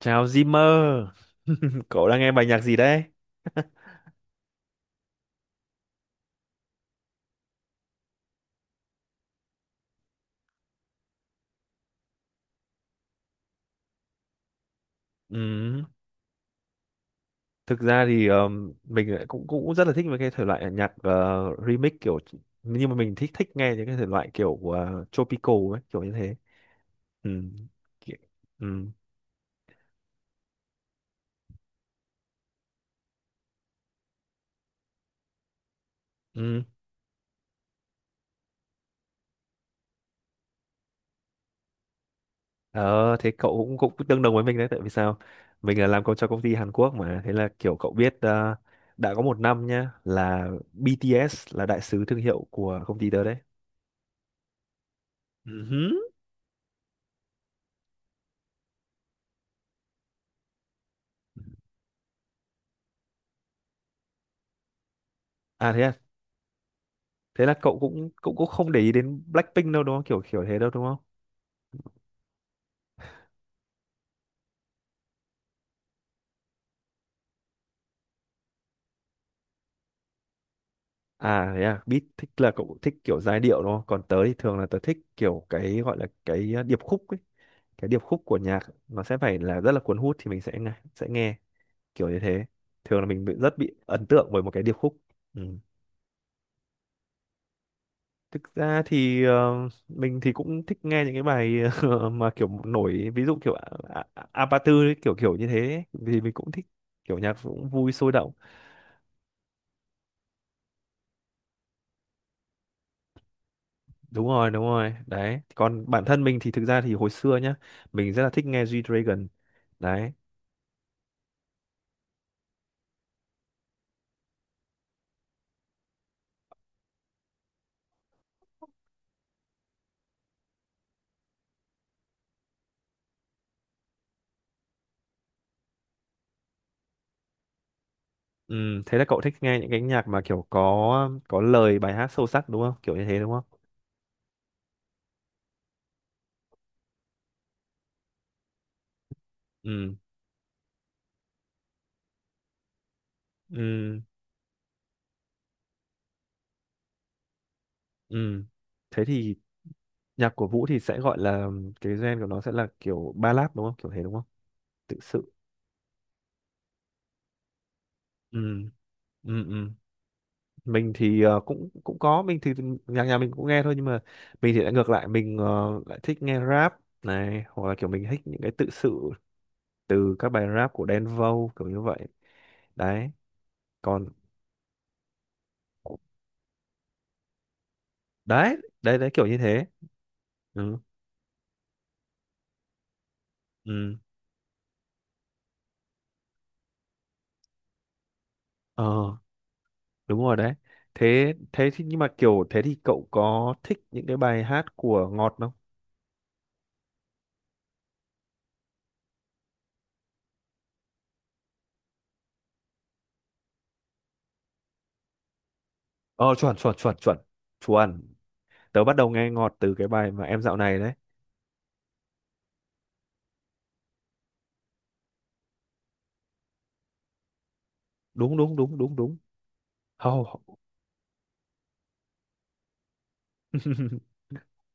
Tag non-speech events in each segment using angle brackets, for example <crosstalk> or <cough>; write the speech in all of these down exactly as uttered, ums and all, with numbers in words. Chào Zimmer, <laughs> cậu đang nghe bài nhạc gì đấy? <laughs> Ừm, Thực ra thì ờm, mình lại cũng cũng rất là thích mấy cái thể loại nhạc ờ, remix kiểu, nhưng mà mình thích thích nghe những cái thể loại kiểu uh, tropical ấy, kiểu như thế. Ừm, ki- ừm, ừm. Ờ, thế cậu cũng cũng tương đồng với mình đấy, tại vì sao? Mình là làm công cho công ty Hàn Quốc mà, thế là kiểu cậu biết ờ, đã có một năm nhá là bê tê ét là đại sứ thương hiệu của công ty tớ đấy. Ừm. À thế à? Thế là cậu cũng cũng cũng không để ý đến Blackpink đâu, đúng không, kiểu kiểu thế đâu, đúng không? À thế à, beat thích là cậu thích kiểu giai điệu đúng không, còn tớ thì thường là tớ thích kiểu cái gọi là cái uh, điệp khúc ấy. Cái điệp khúc của nhạc nó sẽ phải là rất là cuốn hút thì mình sẽ nghe sẽ nghe kiểu như thế. Thường là mình bị rất bị ấn tượng bởi một cái điệp khúc. Ừ. Thực ra thì ờ, mình thì cũng thích nghe những cái bài <laughs> mà kiểu nổi, ví dụ kiểu A- A- Apatu ấy, kiểu kiểu như thế ấy. Vì mình cũng thích kiểu nhạc cũng vui sôi động. Đúng rồi, đúng rồi đấy, còn bản thân mình thì thực ra thì hồi xưa nhá, mình rất là thích nghe G-Dragon đấy. Ừ, thế là cậu thích nghe những cái nhạc mà kiểu có có lời bài hát sâu sắc đúng không, kiểu như thế đúng không? Ừ ừ ừ, thế thì nhạc của Vũ thì sẽ gọi là, cái gen của nó sẽ là kiểu ballad đúng không, kiểu thế đúng không, tự sự. Ừ ừ ừ, mình thì ờ, cũng cũng có, mình thì nhạc nhà mình cũng nghe thôi nhưng mà mình thì lại ngược lại, mình ờ, lại thích nghe rap này, hoặc là kiểu mình thích những cái tự sự từ các bài rap của Đen Vâu kiểu như vậy đấy. Còn đấy đấy đấy, kiểu như thế. Ừ ừ, ờ đúng rồi đấy, thế thế thì, nhưng mà kiểu thế thì cậu có thích những cái bài hát của Ngọt không? Ờ, chuẩn chuẩn chuẩn chuẩn chuẩn, tớ bắt đầu nghe Ngọt từ cái bài mà em dạo này đấy. Đúng đúng đúng đúng đúng, hầu. <laughs>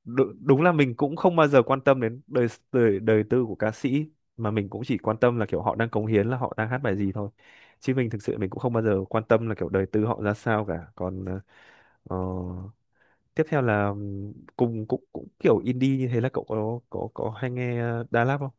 Đúng, đúng là mình cũng không bao giờ quan tâm đến đời đời đời tư của ca sĩ, mà mình cũng chỉ quan tâm là kiểu họ đang cống hiến, là họ đang hát bài gì thôi. Chứ mình thực sự mình cũng không bao giờ quan tâm là kiểu đời tư họ ra sao cả. Còn ờ, ờ, tiếp theo là ừm, cùng cũng cũng kiểu indie, như thế là cậu có có có hay nghe ờ, Đà Lạt không?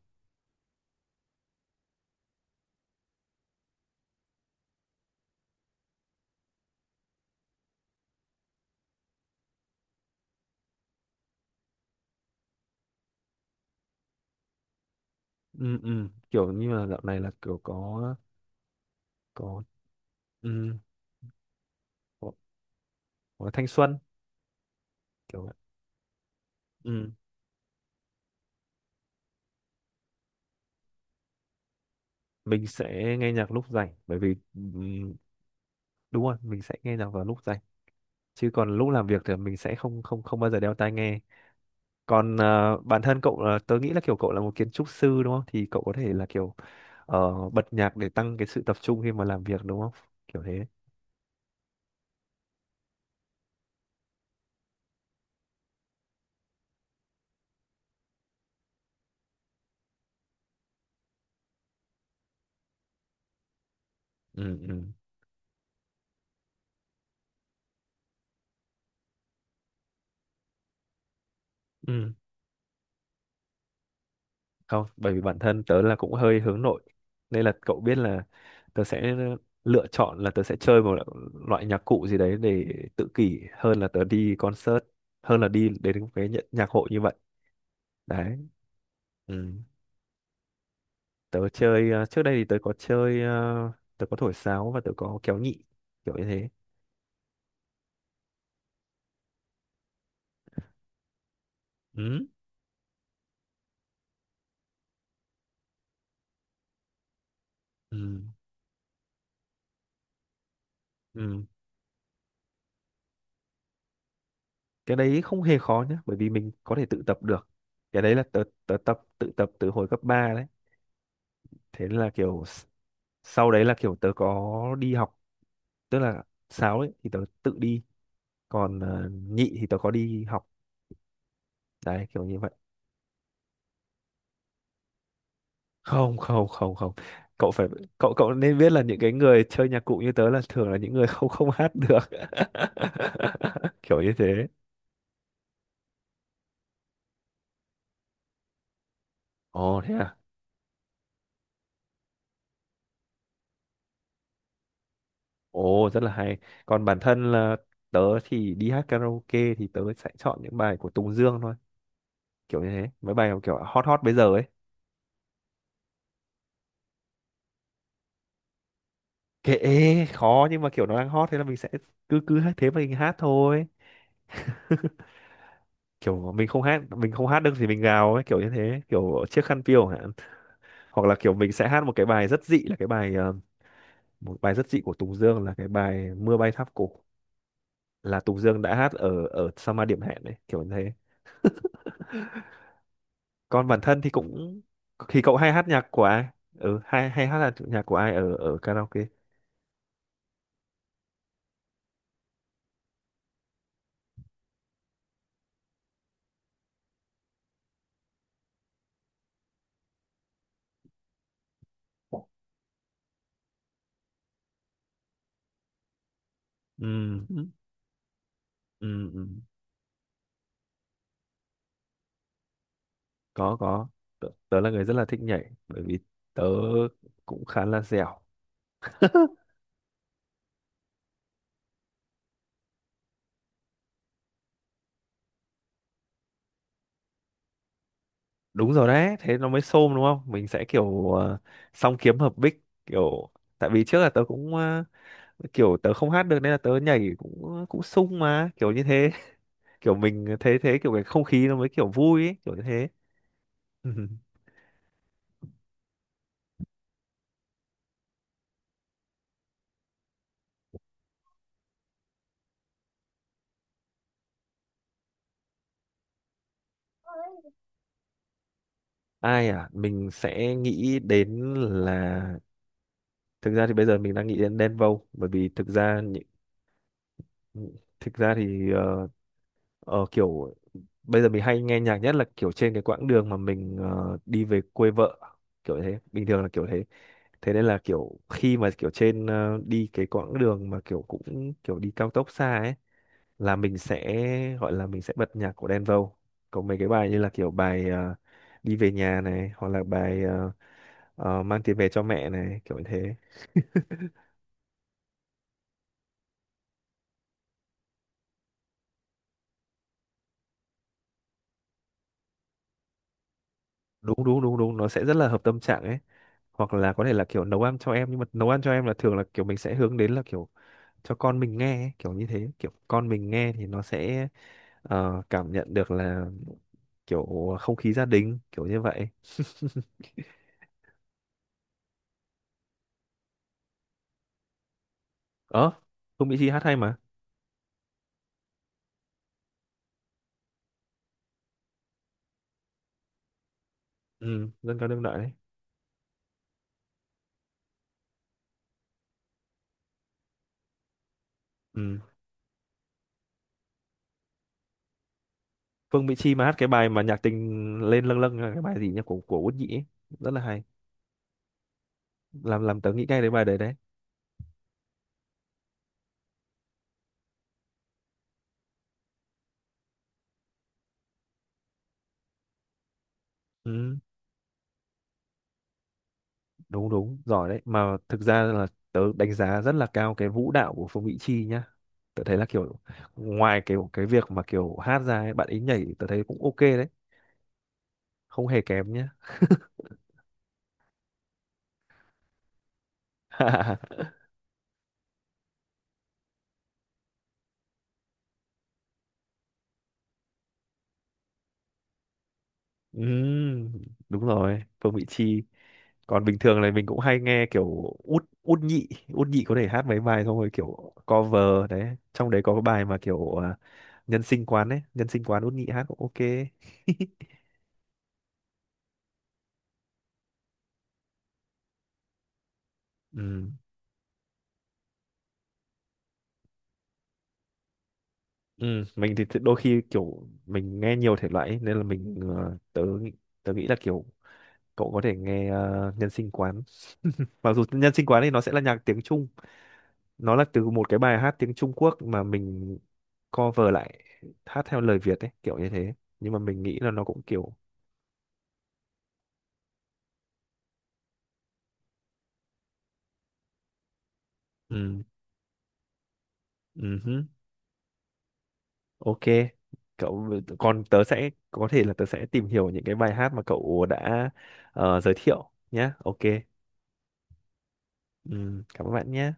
Ừ, ừ, kiểu như là dạo này là kiểu có có ừ, có, có thanh xuân kiểu vậy. Ừ. Mình sẽ nghe nhạc lúc rảnh, bởi vì ừm, đúng rồi, mình sẽ nghe nhạc vào lúc rảnh, chứ còn lúc làm việc thì mình sẽ không không không bao giờ đeo tai nghe. Còn ờ, bản thân cậu là, tớ nghĩ là kiểu cậu là một kiến trúc sư đúng không, thì cậu có thể là kiểu ờ, bật nhạc để tăng cái sự tập trung khi mà làm việc đúng không, kiểu thế. Ừ ừ ừ, không, bởi vì bản thân tớ là cũng hơi hướng nội nên là cậu biết là tớ sẽ lựa chọn là tớ sẽ chơi một loại nhạc cụ gì đấy để tự kỷ, hơn là tớ đi concert, hơn là đi đến cái nhạc hội như vậy đấy. Ừ, tớ chơi ờ, trước đây thì tớ có chơi ờ, tớ có thổi sáo và tớ có kéo nhị, kiểu như thế. Ừ ừ ừ, cái đấy không hề khó nhá, bởi vì mình có thể tự tập được. Cái đấy là tớ tớ tập tự tập từ hồi cấp ba đấy, thế nên là kiểu s- sau đấy là kiểu tớ có đi học, tức là sáo ấy thì tớ tự đi, còn ờ, nhị thì tớ có đi học đấy, kiểu như vậy. Không không không không, cậu phải cậu cậu nên biết là những cái người chơi nhạc cụ như tớ là thường là những người không không hát được <laughs> kiểu như thế. Ồ thế à, ồ rất là hay, còn bản thân là tớ thì đi hát karaoke thì tớ sẽ chọn những bài của Tùng Dương thôi, kiểu như thế, mấy bài kiểu hot hot bây giờ ấy. Kệ, khó nhưng mà kiểu nó đang hot thế là mình sẽ cứ cứ hát thế mà mình hát thôi. <laughs> Kiểu mình không hát, mình không hát được thì mình gào ấy, kiểu như thế, kiểu chiếc khăn piêu hả. Hoặc là kiểu mình sẽ hát một cái bài rất dị, là cái bài ờ, một bài rất dị của Tùng Dương là cái bài Mưa bay tháp cổ, là Tùng Dương đã hát ở ở Summer Điểm Hẹn đấy, kiểu như thế. Còn bản thân thì cũng, thì cậu hay hát nhạc của ai? Ừ, hay hay hát là nhạc của ai ở ở karaoke? Ừ ừ ừ. có có tớ, tớ là người rất là thích nhảy bởi vì tớ cũng khá là dẻo. Đúng rồi đấy, thế nó mới xôm đúng không, mình sẽ kiểu ờ, song kiếm hợp bích kiểu, tại vì trước là tớ cũng kiểu tớ không hát được nên là tớ nhảy cũng cũng sung mà, kiểu như thế. <laughs> Kiểu mình thế thế, kiểu cái không khí nó mới kiểu vui ấy, kiểu như thế. <laughs> Ai à, mình sẽ nghĩ đến là, thực ra thì bây giờ mình đang nghĩ đến Đen Vâu, bởi vì thực ra những- thực ra thì ờ, ờ, kiểu bây giờ mình hay nghe nhạc nhất là kiểu trên cái quãng đường mà mình ờ, đi về quê vợ, kiểu thế, bình thường là kiểu thế. Thế nên là kiểu khi mà kiểu trên ờ, đi cái quãng đường mà kiểu cũng kiểu đi cao tốc xa ấy, là mình sẽ, gọi là mình sẽ bật nhạc của Đen Vâu. Có mấy cái bài như là kiểu bài ờ, đi về nhà này, hoặc là bài ờ, ờ, mang tiền về cho mẹ này, kiểu như thế. Đúng đúng đúng đúng, nó sẽ rất là hợp tâm trạng ấy. Hoặc là có thể là kiểu nấu ăn cho em, nhưng mà nấu ăn cho em là thường là kiểu mình sẽ hướng đến là kiểu cho con mình nghe ấy, kiểu như thế, kiểu con mình nghe thì nó sẽ ờ, cảm nhận được là kiểu không khí gia đình, kiểu như vậy. Ờ, không Mỹ Chi hát hay mà. Ừ, dân ca đương đại đấy. Ừ, Phương Mỹ Chi mà hát cái bài mà nhạc tình lên lâng lâng là cái bài gì nhỉ, của của Út Nhĩ ấy. Rất là hay, làm làm tớ nghĩ ngay đến bài đấy đấy. Ừ, đúng đúng giỏi đấy, mà thực ra là tớ đánh giá rất là cao cái vũ đạo của Phương Mỹ Chi nhá. Tớ thấy là kiểu ngoài cái cái việc mà kiểu hát ra ấy, bạn ấy nhảy tớ thấy cũng ok đấy, không hề kém nhá. <laughs> Ừ, đúng rồi Phương Mỹ Chi. Còn bình thường này mình cũng hay nghe kiểu út út nhị, út nhị có thể hát mấy bài xong rồi kiểu cover đấy, trong đấy có cái bài mà kiểu à, nhân sinh quán ấy, nhân sinh quán út nhị hát cũng ok. <laughs> Ừ. Ừ mình thì đôi khi kiểu mình nghe nhiều thể loại ấy, nên là mình ờ, tớ nghĩ- tớ nghĩ là kiểu cậu có thể nghe ờ, nhân sinh quán, mặc dù nhân sinh quán thì nó sẽ là nhạc tiếng Trung. Nó là từ một cái bài hát tiếng Trung Quốc mà mình cover lại, hát theo lời Việt ấy, kiểu như thế, nhưng mà mình nghĩ là nó cũng kiểu ừ. Ừ hứ, ok, cậu, còn tớ sẽ có thể là tớ sẽ tìm hiểu những cái bài hát mà cậu đã ờ, giới thiệu nhé. Ok, ừ, cảm ơn bạn nhé.